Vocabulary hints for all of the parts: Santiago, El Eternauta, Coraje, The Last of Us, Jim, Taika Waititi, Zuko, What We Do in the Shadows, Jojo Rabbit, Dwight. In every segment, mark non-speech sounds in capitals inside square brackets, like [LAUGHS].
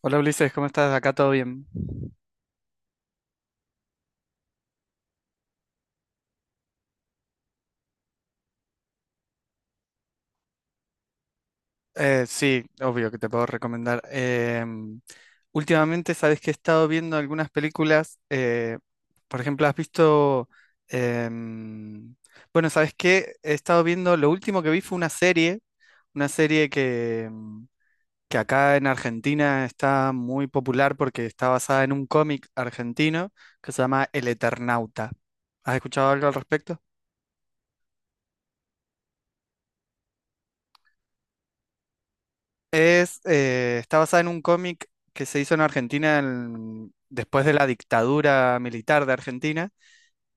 Hola Ulises, ¿cómo estás? ¿Acá todo bien? Sí, obvio que te puedo recomendar. Últimamente, sabes que he estado viendo algunas películas. Por ejemplo, has visto. em, bueno, sabes que he estado viendo. Lo último que vi fue una serie. Una serie que que acá en Argentina está muy popular porque está basada en un cómic argentino que se llama El Eternauta. ¿Has escuchado algo al respecto? Está basada en un cómic que se hizo en Argentina después de la dictadura militar de Argentina.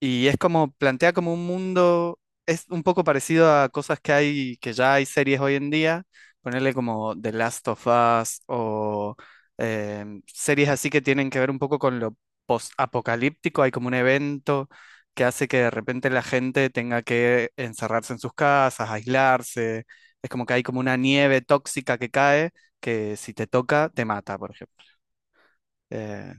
Y es como, plantea como un mundo, es un poco parecido a cosas que hay, que ya hay series hoy en día, ponerle como The Last of Us o series así que tienen que ver un poco con lo post-apocalíptico, hay como un evento que hace que de repente la gente tenga que encerrarse en sus casas, aislarse, es como que hay como una nieve tóxica que cae, que si te toca, te mata, por ejemplo. Eh,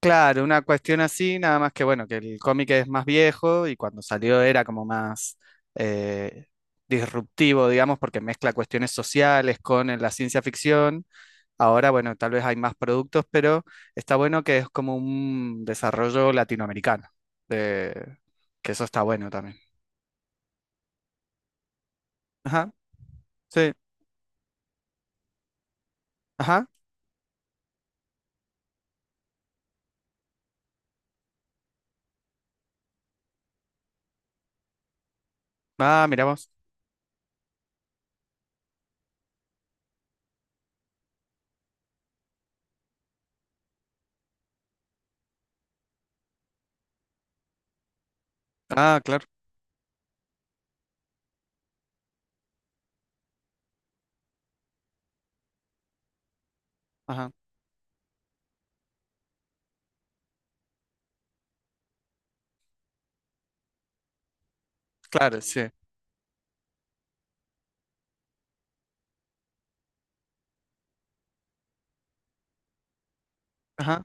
Claro, una cuestión así, nada más que bueno, que el cómic es más viejo y cuando salió era como más eh, disruptivo, digamos, porque mezcla cuestiones sociales con la ciencia ficción. Ahora, bueno, tal vez hay más productos, pero está bueno que es como un desarrollo latinoamericano, de- que eso está bueno también. Ajá, sí, ajá, ah, miramos, ah, claro, ajá, claro, sí, ajá.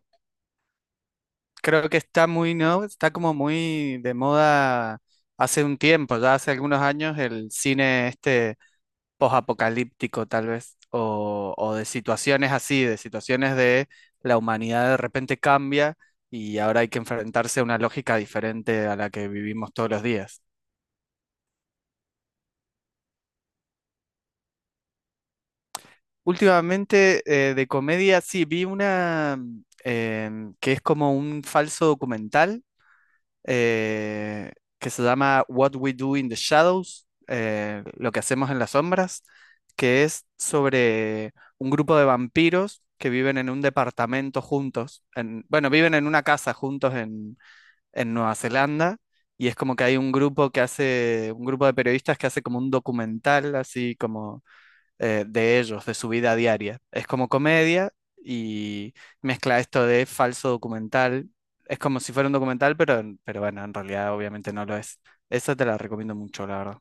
Creo que está muy, ¿no? Está como muy de moda hace un tiempo, ya hace algunos años, el cine este posapocalíptico tal vez, o de situaciones así, de situaciones de la humanidad de repente cambia y ahora hay que enfrentarse a una lógica diferente a la que vivimos todos los días. Últimamente, de comedia, sí, vi una que es como un falso documental eh, que se llama What We Do in the Shadows, lo que hacemos en las sombras, que es sobre un grupo de vampiros que viven en un departamento juntos, bueno, viven en una casa juntos en Nueva Zelanda, y es como que hay un grupo que hace, un grupo de periodistas que hace como un documental, así como de ellos, de su vida diaria. Es como comedia y mezcla esto de falso documental. Es como si fuera un documental, pero bueno, en realidad obviamente no lo es. Esa te la recomiendo mucho, la verdad.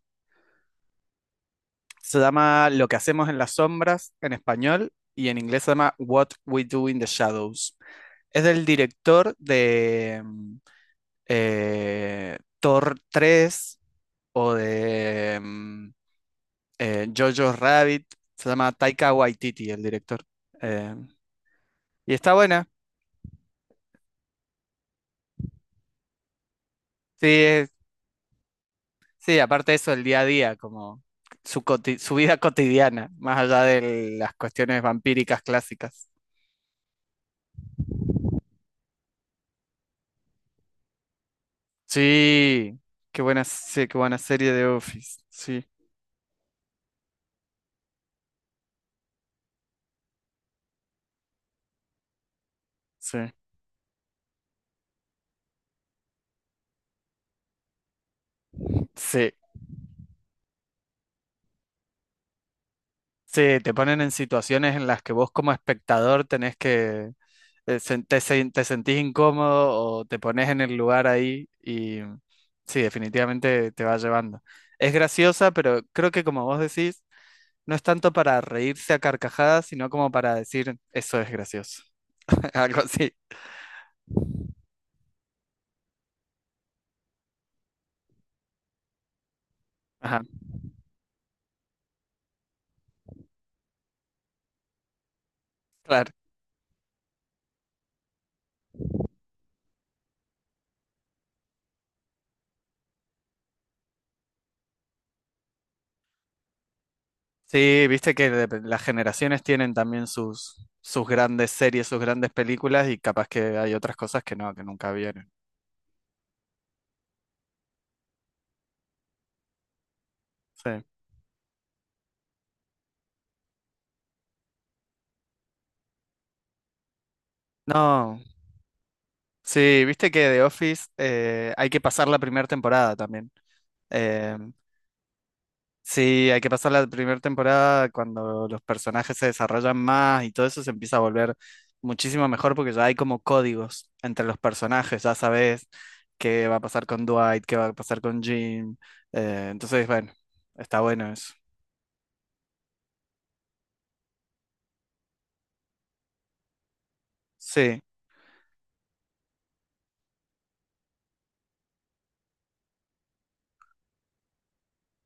Se llama Lo que hacemos en las sombras en español y en inglés se llama What We Do in the Shadows. Es del director de Thor 3 o de Jojo Rabbit. Se llama Taika Waititi, el director. Eh, Y está buena. Sí, sí, aparte de eso, el día a día, como su vida cotidiana, más allá de las cuestiones vampíricas clásicas. Sí, qué buena serie de Office. Sí, sí. Sí, sí, te ponen en situaciones en las que vos como espectador tenés que te sentís incómodo o te pones en el lugar ahí y sí, definitivamente te va llevando. Es graciosa, pero creo que como vos decís no es tanto para reírse a carcajadas, sino como para decir, eso es gracioso. [LAUGHS] Algo así. Ajá, claro. Sí, viste que las generaciones tienen también sus, sus grandes series, sus grandes películas y capaz que hay otras cosas que no, que nunca vieron. Sí. No, sí, viste que The Office hay que pasar la primera temporada también. Eh, Sí, hay que pasar la primera temporada cuando los personajes se desarrollan más y todo eso se empieza a volver muchísimo mejor porque ya hay como códigos entre los personajes, ya sabes qué va a pasar con Dwight, qué va a pasar con Jim. Entonces, bueno, está bueno eso. Sí,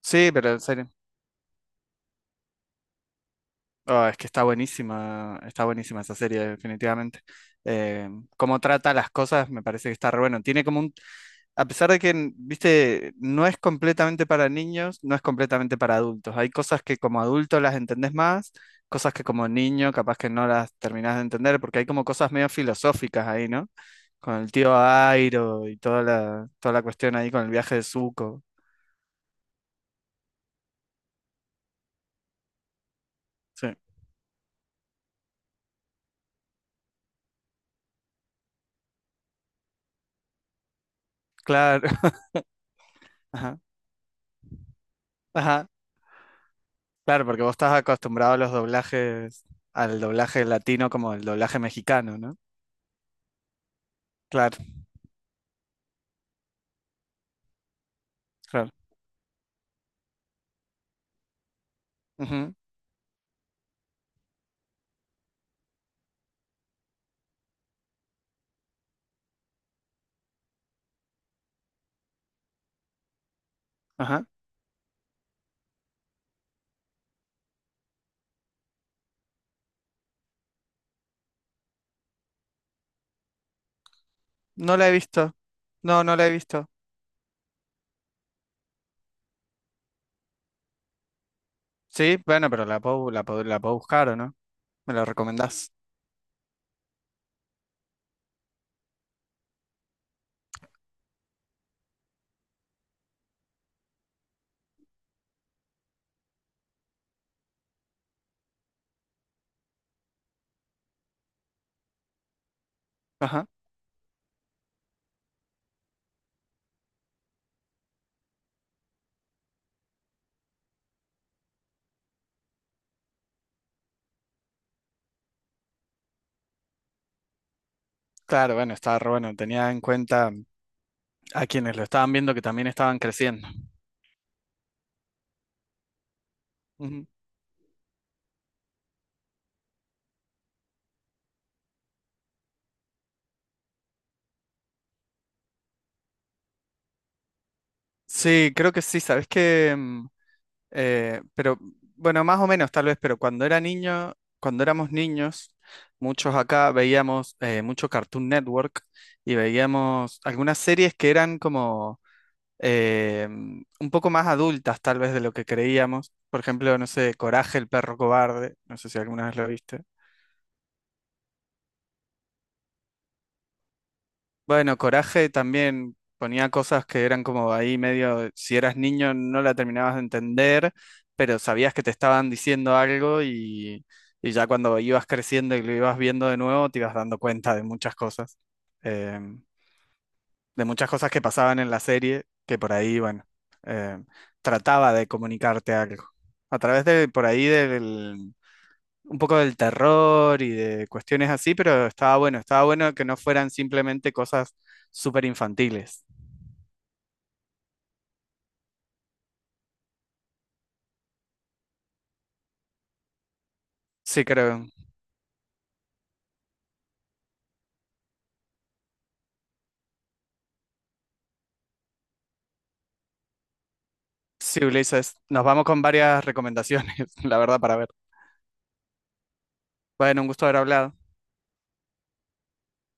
sí, pero en serio. Ah, es que está buenísima esa serie, definitivamente. Eh, Cómo trata las cosas, me parece que está re bueno. Tiene como un, a pesar de que, viste, no es completamente para niños, no es completamente para adultos. Hay cosas que como adulto las entendés más, cosas que como niño capaz que no las terminás de entender, porque hay como cosas medio filosóficas ahí, ¿no? Con el tío Airo y toda toda la cuestión ahí con el viaje de Zuko. Sí, claro. [LAUGHS] Ajá. Ajá, claro, porque vos estás acostumbrado a los doblajes, al doblaje latino como el doblaje mexicano, ¿no? Claro, claro. Ujú, ajá. No la he visto. No, no la he visto. Sí, bueno, pero la puedo, la puedo buscar, ¿o no? ¿Me la recomendás? Ajá. Claro, bueno, estaba re bueno. Tenía en cuenta a quienes lo estaban viendo que también estaban creciendo. Ujú. Sí, creo que sí. ¿Sabes qué? Pero bueno, más o menos tal vez, cuando éramos niños, muchos acá veíamos mucho Cartoon Network y veíamos algunas series que eran como un poco más adultas tal vez de lo que creíamos. Por ejemplo, no sé, Coraje, el perro cobarde, no sé si alguna vez lo viste. Bueno, Coraje también ponía cosas que eran como ahí medio, si eras niño no la terminabas de entender, pero sabías que te estaban diciendo algo y ya cuando ibas creciendo y lo ibas viendo de nuevo te ibas dando cuenta eh, de muchas cosas que pasaban en la serie, que por ahí, bueno, eh, trataba de comunicarte algo. A través de, por ahí del, un poco del terror y de cuestiones así, pero estaba bueno que no fueran simplemente cosas súper infantiles. Sí, creo. Sí, Ulises, nos vamos con varias recomendaciones, [LAUGHS] la verdad, para ver. Bueno, un gusto haber hablado.